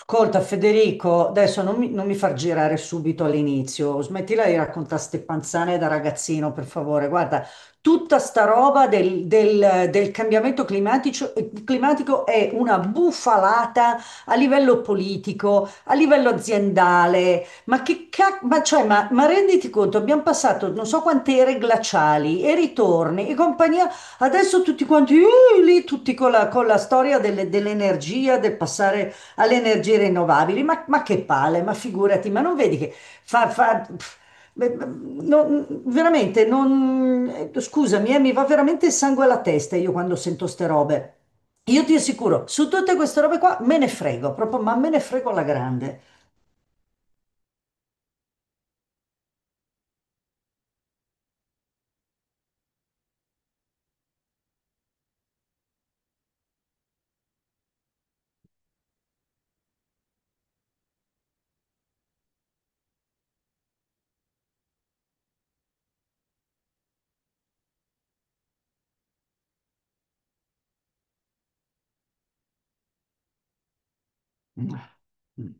Ascolta Federico, adesso non mi far girare subito all'inizio, smettila di raccontare ste panzane da ragazzino, per favore. Guarda, tutta sta roba del cambiamento climatico è una bufalata a livello politico, a livello aziendale. Ma che cacchio, ma, cioè, ma renditi conto, abbiamo passato non so quante ere glaciali e ritorni e compagnia. Adesso tutti quanti, lì, tutti con la storia dell'energia, del passare alle energie rinnovabili, ma che palle, ma figurati, ma non vedi che beh, beh, veramente, non, scusami, mi va veramente il sangue alla testa io quando sento ste robe. Io ti assicuro, su tutte queste robe qua me ne frego, proprio, ma me ne frego alla grande. Mm.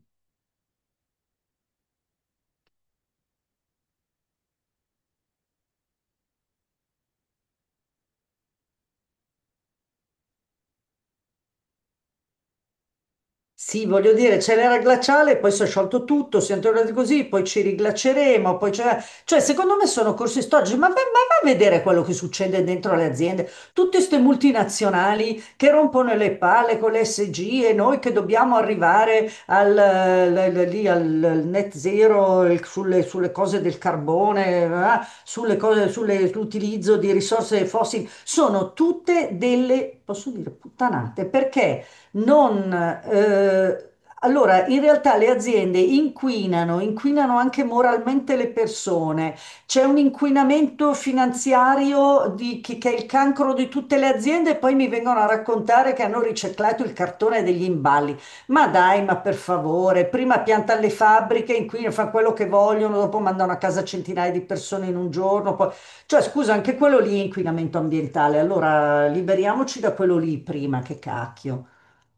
Sì, voglio dire, c'è l'era glaciale, poi si è sciolto tutto, siamo tornati così, poi ci riglaceremo, poi c'è. Cioè, secondo me sono corsi storici, ma va a vedere quello che succede dentro le aziende. Tutte queste multinazionali che rompono le palle con le SG e noi che dobbiamo arrivare al, l- l- lì al- al net zero sulle cose del carbone, sulle cose, sull'utilizzo di risorse fossili, sono tutte delle, posso dire, puttanate, perché? Non, Allora, in realtà le aziende inquinano, inquinano anche moralmente le persone. C'è un inquinamento finanziario che è il cancro di tutte le aziende e poi mi vengono a raccontare che hanno riciclato il cartone degli imballi. Ma dai, ma per favore, prima piantano le fabbriche, inquinano, fanno quello che vogliono, dopo mandano a casa centinaia di persone in un giorno. Cioè, scusa, anche quello lì è inquinamento ambientale. Allora, liberiamoci da quello lì prima, che cacchio.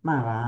Ma va,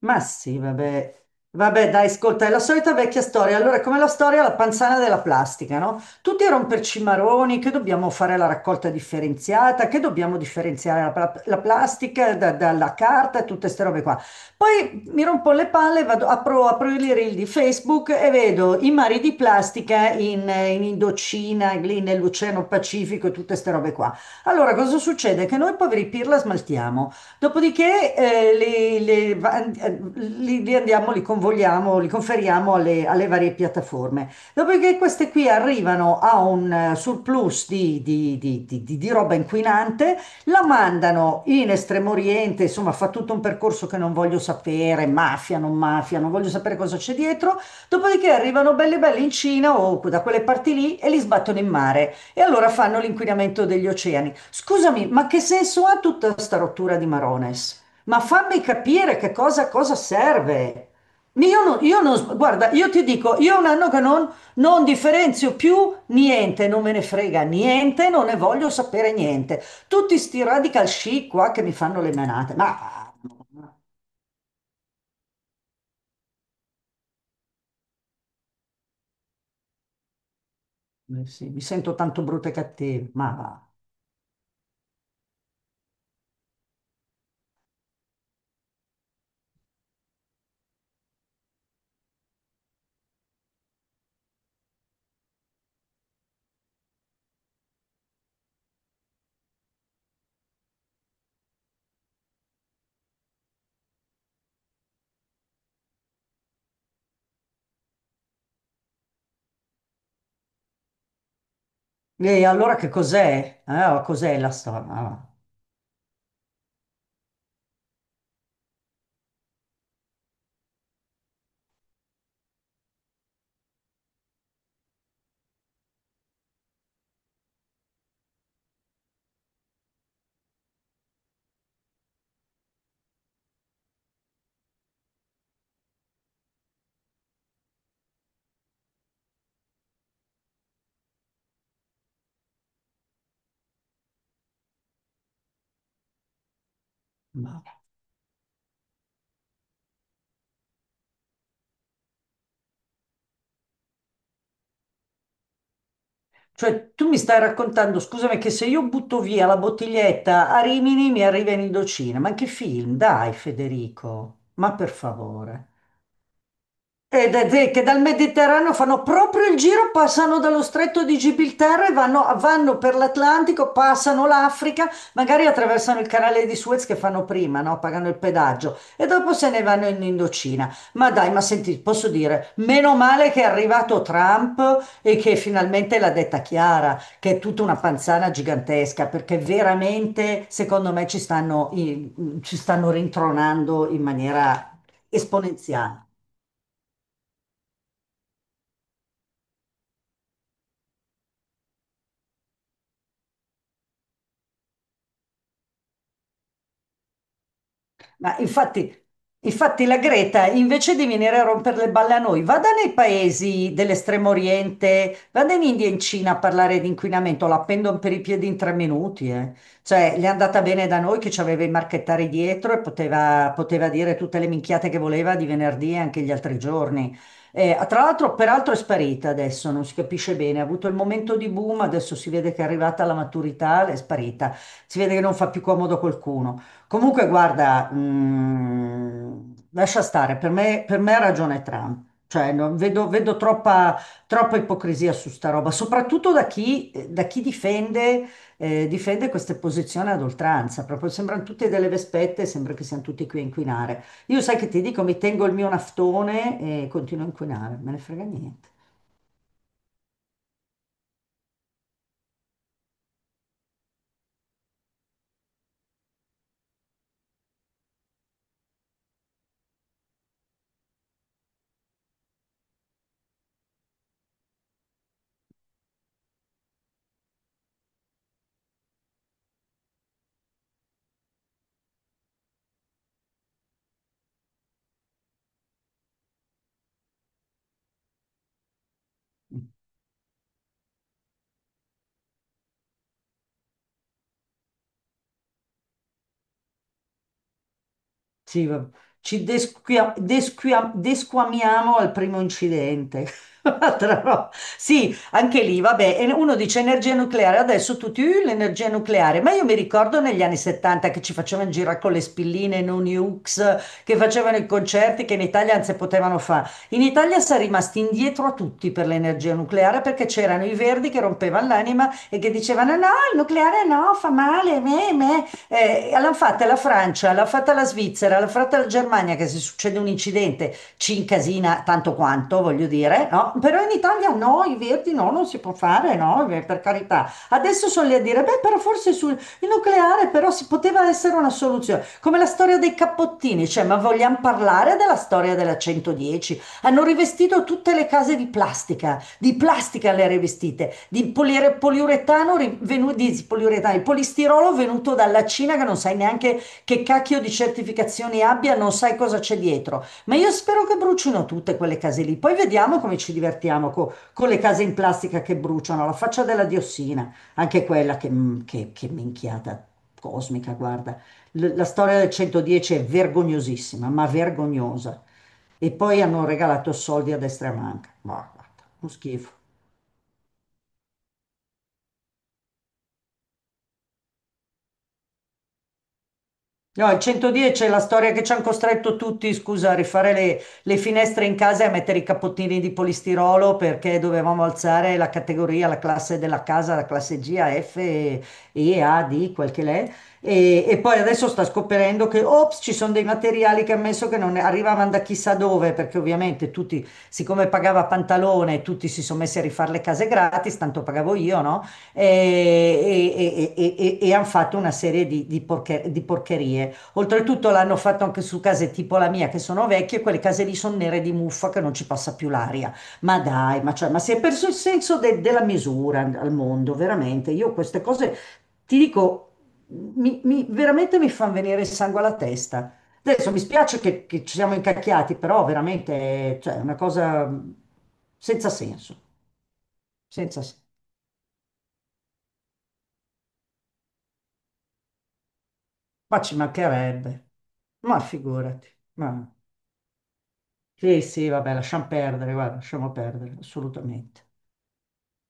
ma sì, vabbè. Vabbè, dai, ascolta, è la solita vecchia storia. Allora, è come la storia della panzana della plastica, no? Tutti a romperci i maroni, che dobbiamo fare la raccolta differenziata, che dobbiamo differenziare la plastica dalla carta e tutte queste robe qua. Poi mi rompo le palle, vado, apro i reel di Facebook e vedo i mari di plastica in Indocina, lì nell'Oceano Pacifico e tutte queste robe qua. Allora, cosa succede? Che noi poveri pirla smaltiamo. Dopodiché li andiamo, li convogliamo, li conferiamo alle varie piattaforme. Dopodiché queste qui arrivano a un surplus di roba inquinante, la mandano in Estremo Oriente, insomma fa tutto un percorso che non voglio sapere, mafia, non voglio sapere cosa c'è dietro. Dopodiché arrivano belli belli in Cina o da quelle parti lì e li sbattono in mare. E allora fanno l'inquinamento degli oceani. Scusami, ma che senso ha tutta sta rottura di Marones? Ma fammi capire che cosa serve. Io non- Guarda, io ti dico, io è un anno che non differenzio più niente, non me ne frega niente, non ne voglio sapere niente. Tutti sti radical chic qua che mi fanno le menate, eh sì, mi sento tanto brutta e cattiva, e allora che cos'è? Oh, cos'è la storia? Ma- Cioè, tu mi stai raccontando, scusami, che se io butto via la bottiglietta a Rimini mi arriva in Indocina. Ma che film? Dai, Federico, ma per favore. Che dal Mediterraneo fanno proprio il giro, passano dallo stretto di Gibilterra e vanno, per l'Atlantico, passano l'Africa, magari attraversano il canale di Suez che fanno prima, no? Pagano il pedaggio e dopo se ne vanno in Indocina. Ma dai, ma senti, posso dire, meno male che è arrivato Trump e che finalmente l'ha detta chiara, che è tutta una panzana gigantesca, perché veramente, secondo me, ci stanno rintronando in maniera esponenziale. Ma infatti, la Greta, invece di venire a rompere le balle a noi, vada nei paesi dell'estremo oriente, vada in India e in Cina a parlare di inquinamento, la pendono per i piedi in 3 minuti. Eh. Cioè, le è andata bene da noi che ci aveva i marchettari dietro e poteva dire tutte le minchiate che voleva di venerdì e anche gli altri giorni. Tra l'altro, peraltro è sparita adesso, non si capisce bene, ha avuto il momento di boom, adesso si vede che è arrivata alla maturità, è sparita, si vede che non fa più comodo a qualcuno. Comunque, guarda, lascia stare, per me ha ragione Trump. Cioè, vedo troppa ipocrisia su sta roba, soprattutto da chi difende queste posizioni ad oltranza. Proprio sembrano tutte delle vespette, sembra che siamo tutti qui a inquinare. Io sai che ti dico, mi tengo il mio naftone e continuo a inquinare, me ne frega niente. Sì, ci desquamiamo al primo incidente. Altra roba. Sì, anche lì, vabbè, e uno dice energia nucleare, adesso tutti, l'energia nucleare, ma io mi ricordo negli anni 70 che ci facevano girare con le spilline non nukes, che facevano i concerti che in Italia non si potevano fare. In Italia si è rimasti indietro a tutti per l'energia nucleare perché c'erano i verdi che rompevano l'anima e che dicevano no, il nucleare no, fa male, me, me. L'hanno fatta la Francia, l'ha fatta la Svizzera, l'ha fatta la Germania, che se succede un incidente ci incasina tanto quanto, voglio dire, no? Però in Italia no, i verdi no, non si può fare, no, per carità. Adesso sono lì a dire, beh, però forse sul il nucleare però si poteva essere una soluzione, come la storia dei cappottini, cioè, ma vogliamo parlare della storia della 110? Hanno rivestito tutte le case di plastica le rivestite, di poliuretano, di polistirolo venuto dalla Cina che non sai neanche che cacchio di certificazioni abbia, non sai cosa c'è dietro. Ma io spero che bruciino tutte quelle case lì. Poi vediamo come ci divertiamo con le case in plastica che bruciano, la faccia della diossina, anche quella che minchiata cosmica, guarda. La storia del 110 è vergognosissima, ma vergognosa. E poi hanno regalato soldi a destra e a manca. Ma guarda, uno schifo. No, al 110 c'è la storia che ci hanno costretto tutti, scusa, a rifare le finestre in casa e a mettere i cappottini di polistirolo perché dovevamo alzare la categoria, la classe della casa, la classe G, A, F, E, A, D, quel che l'è. E poi adesso sta scoprendo che, ops, ci sono dei materiali che ha messo che non arrivavano da chissà dove, perché ovviamente tutti, siccome pagava Pantalone, tutti si sono messi a rifare le case gratis, tanto pagavo io, no? E hanno fatto una serie di porcherie. Oltretutto l'hanno fatto anche su case tipo la mia che sono vecchie, quelle case lì sono nere di muffa che non ci passa più l'aria. Ma dai, ma, cioè, ma si è perso il senso della misura al mondo, veramente. Io queste cose ti dico, veramente mi fanno venire il sangue alla testa. Adesso mi spiace che, ci siamo incacchiati, però veramente, cioè, è una cosa senza senso, senza senso. Ma ci mancherebbe, ma figurati. Ma. Sì, sì, vabbè, lasciamo perdere, guarda, lasciamo perdere, assolutamente.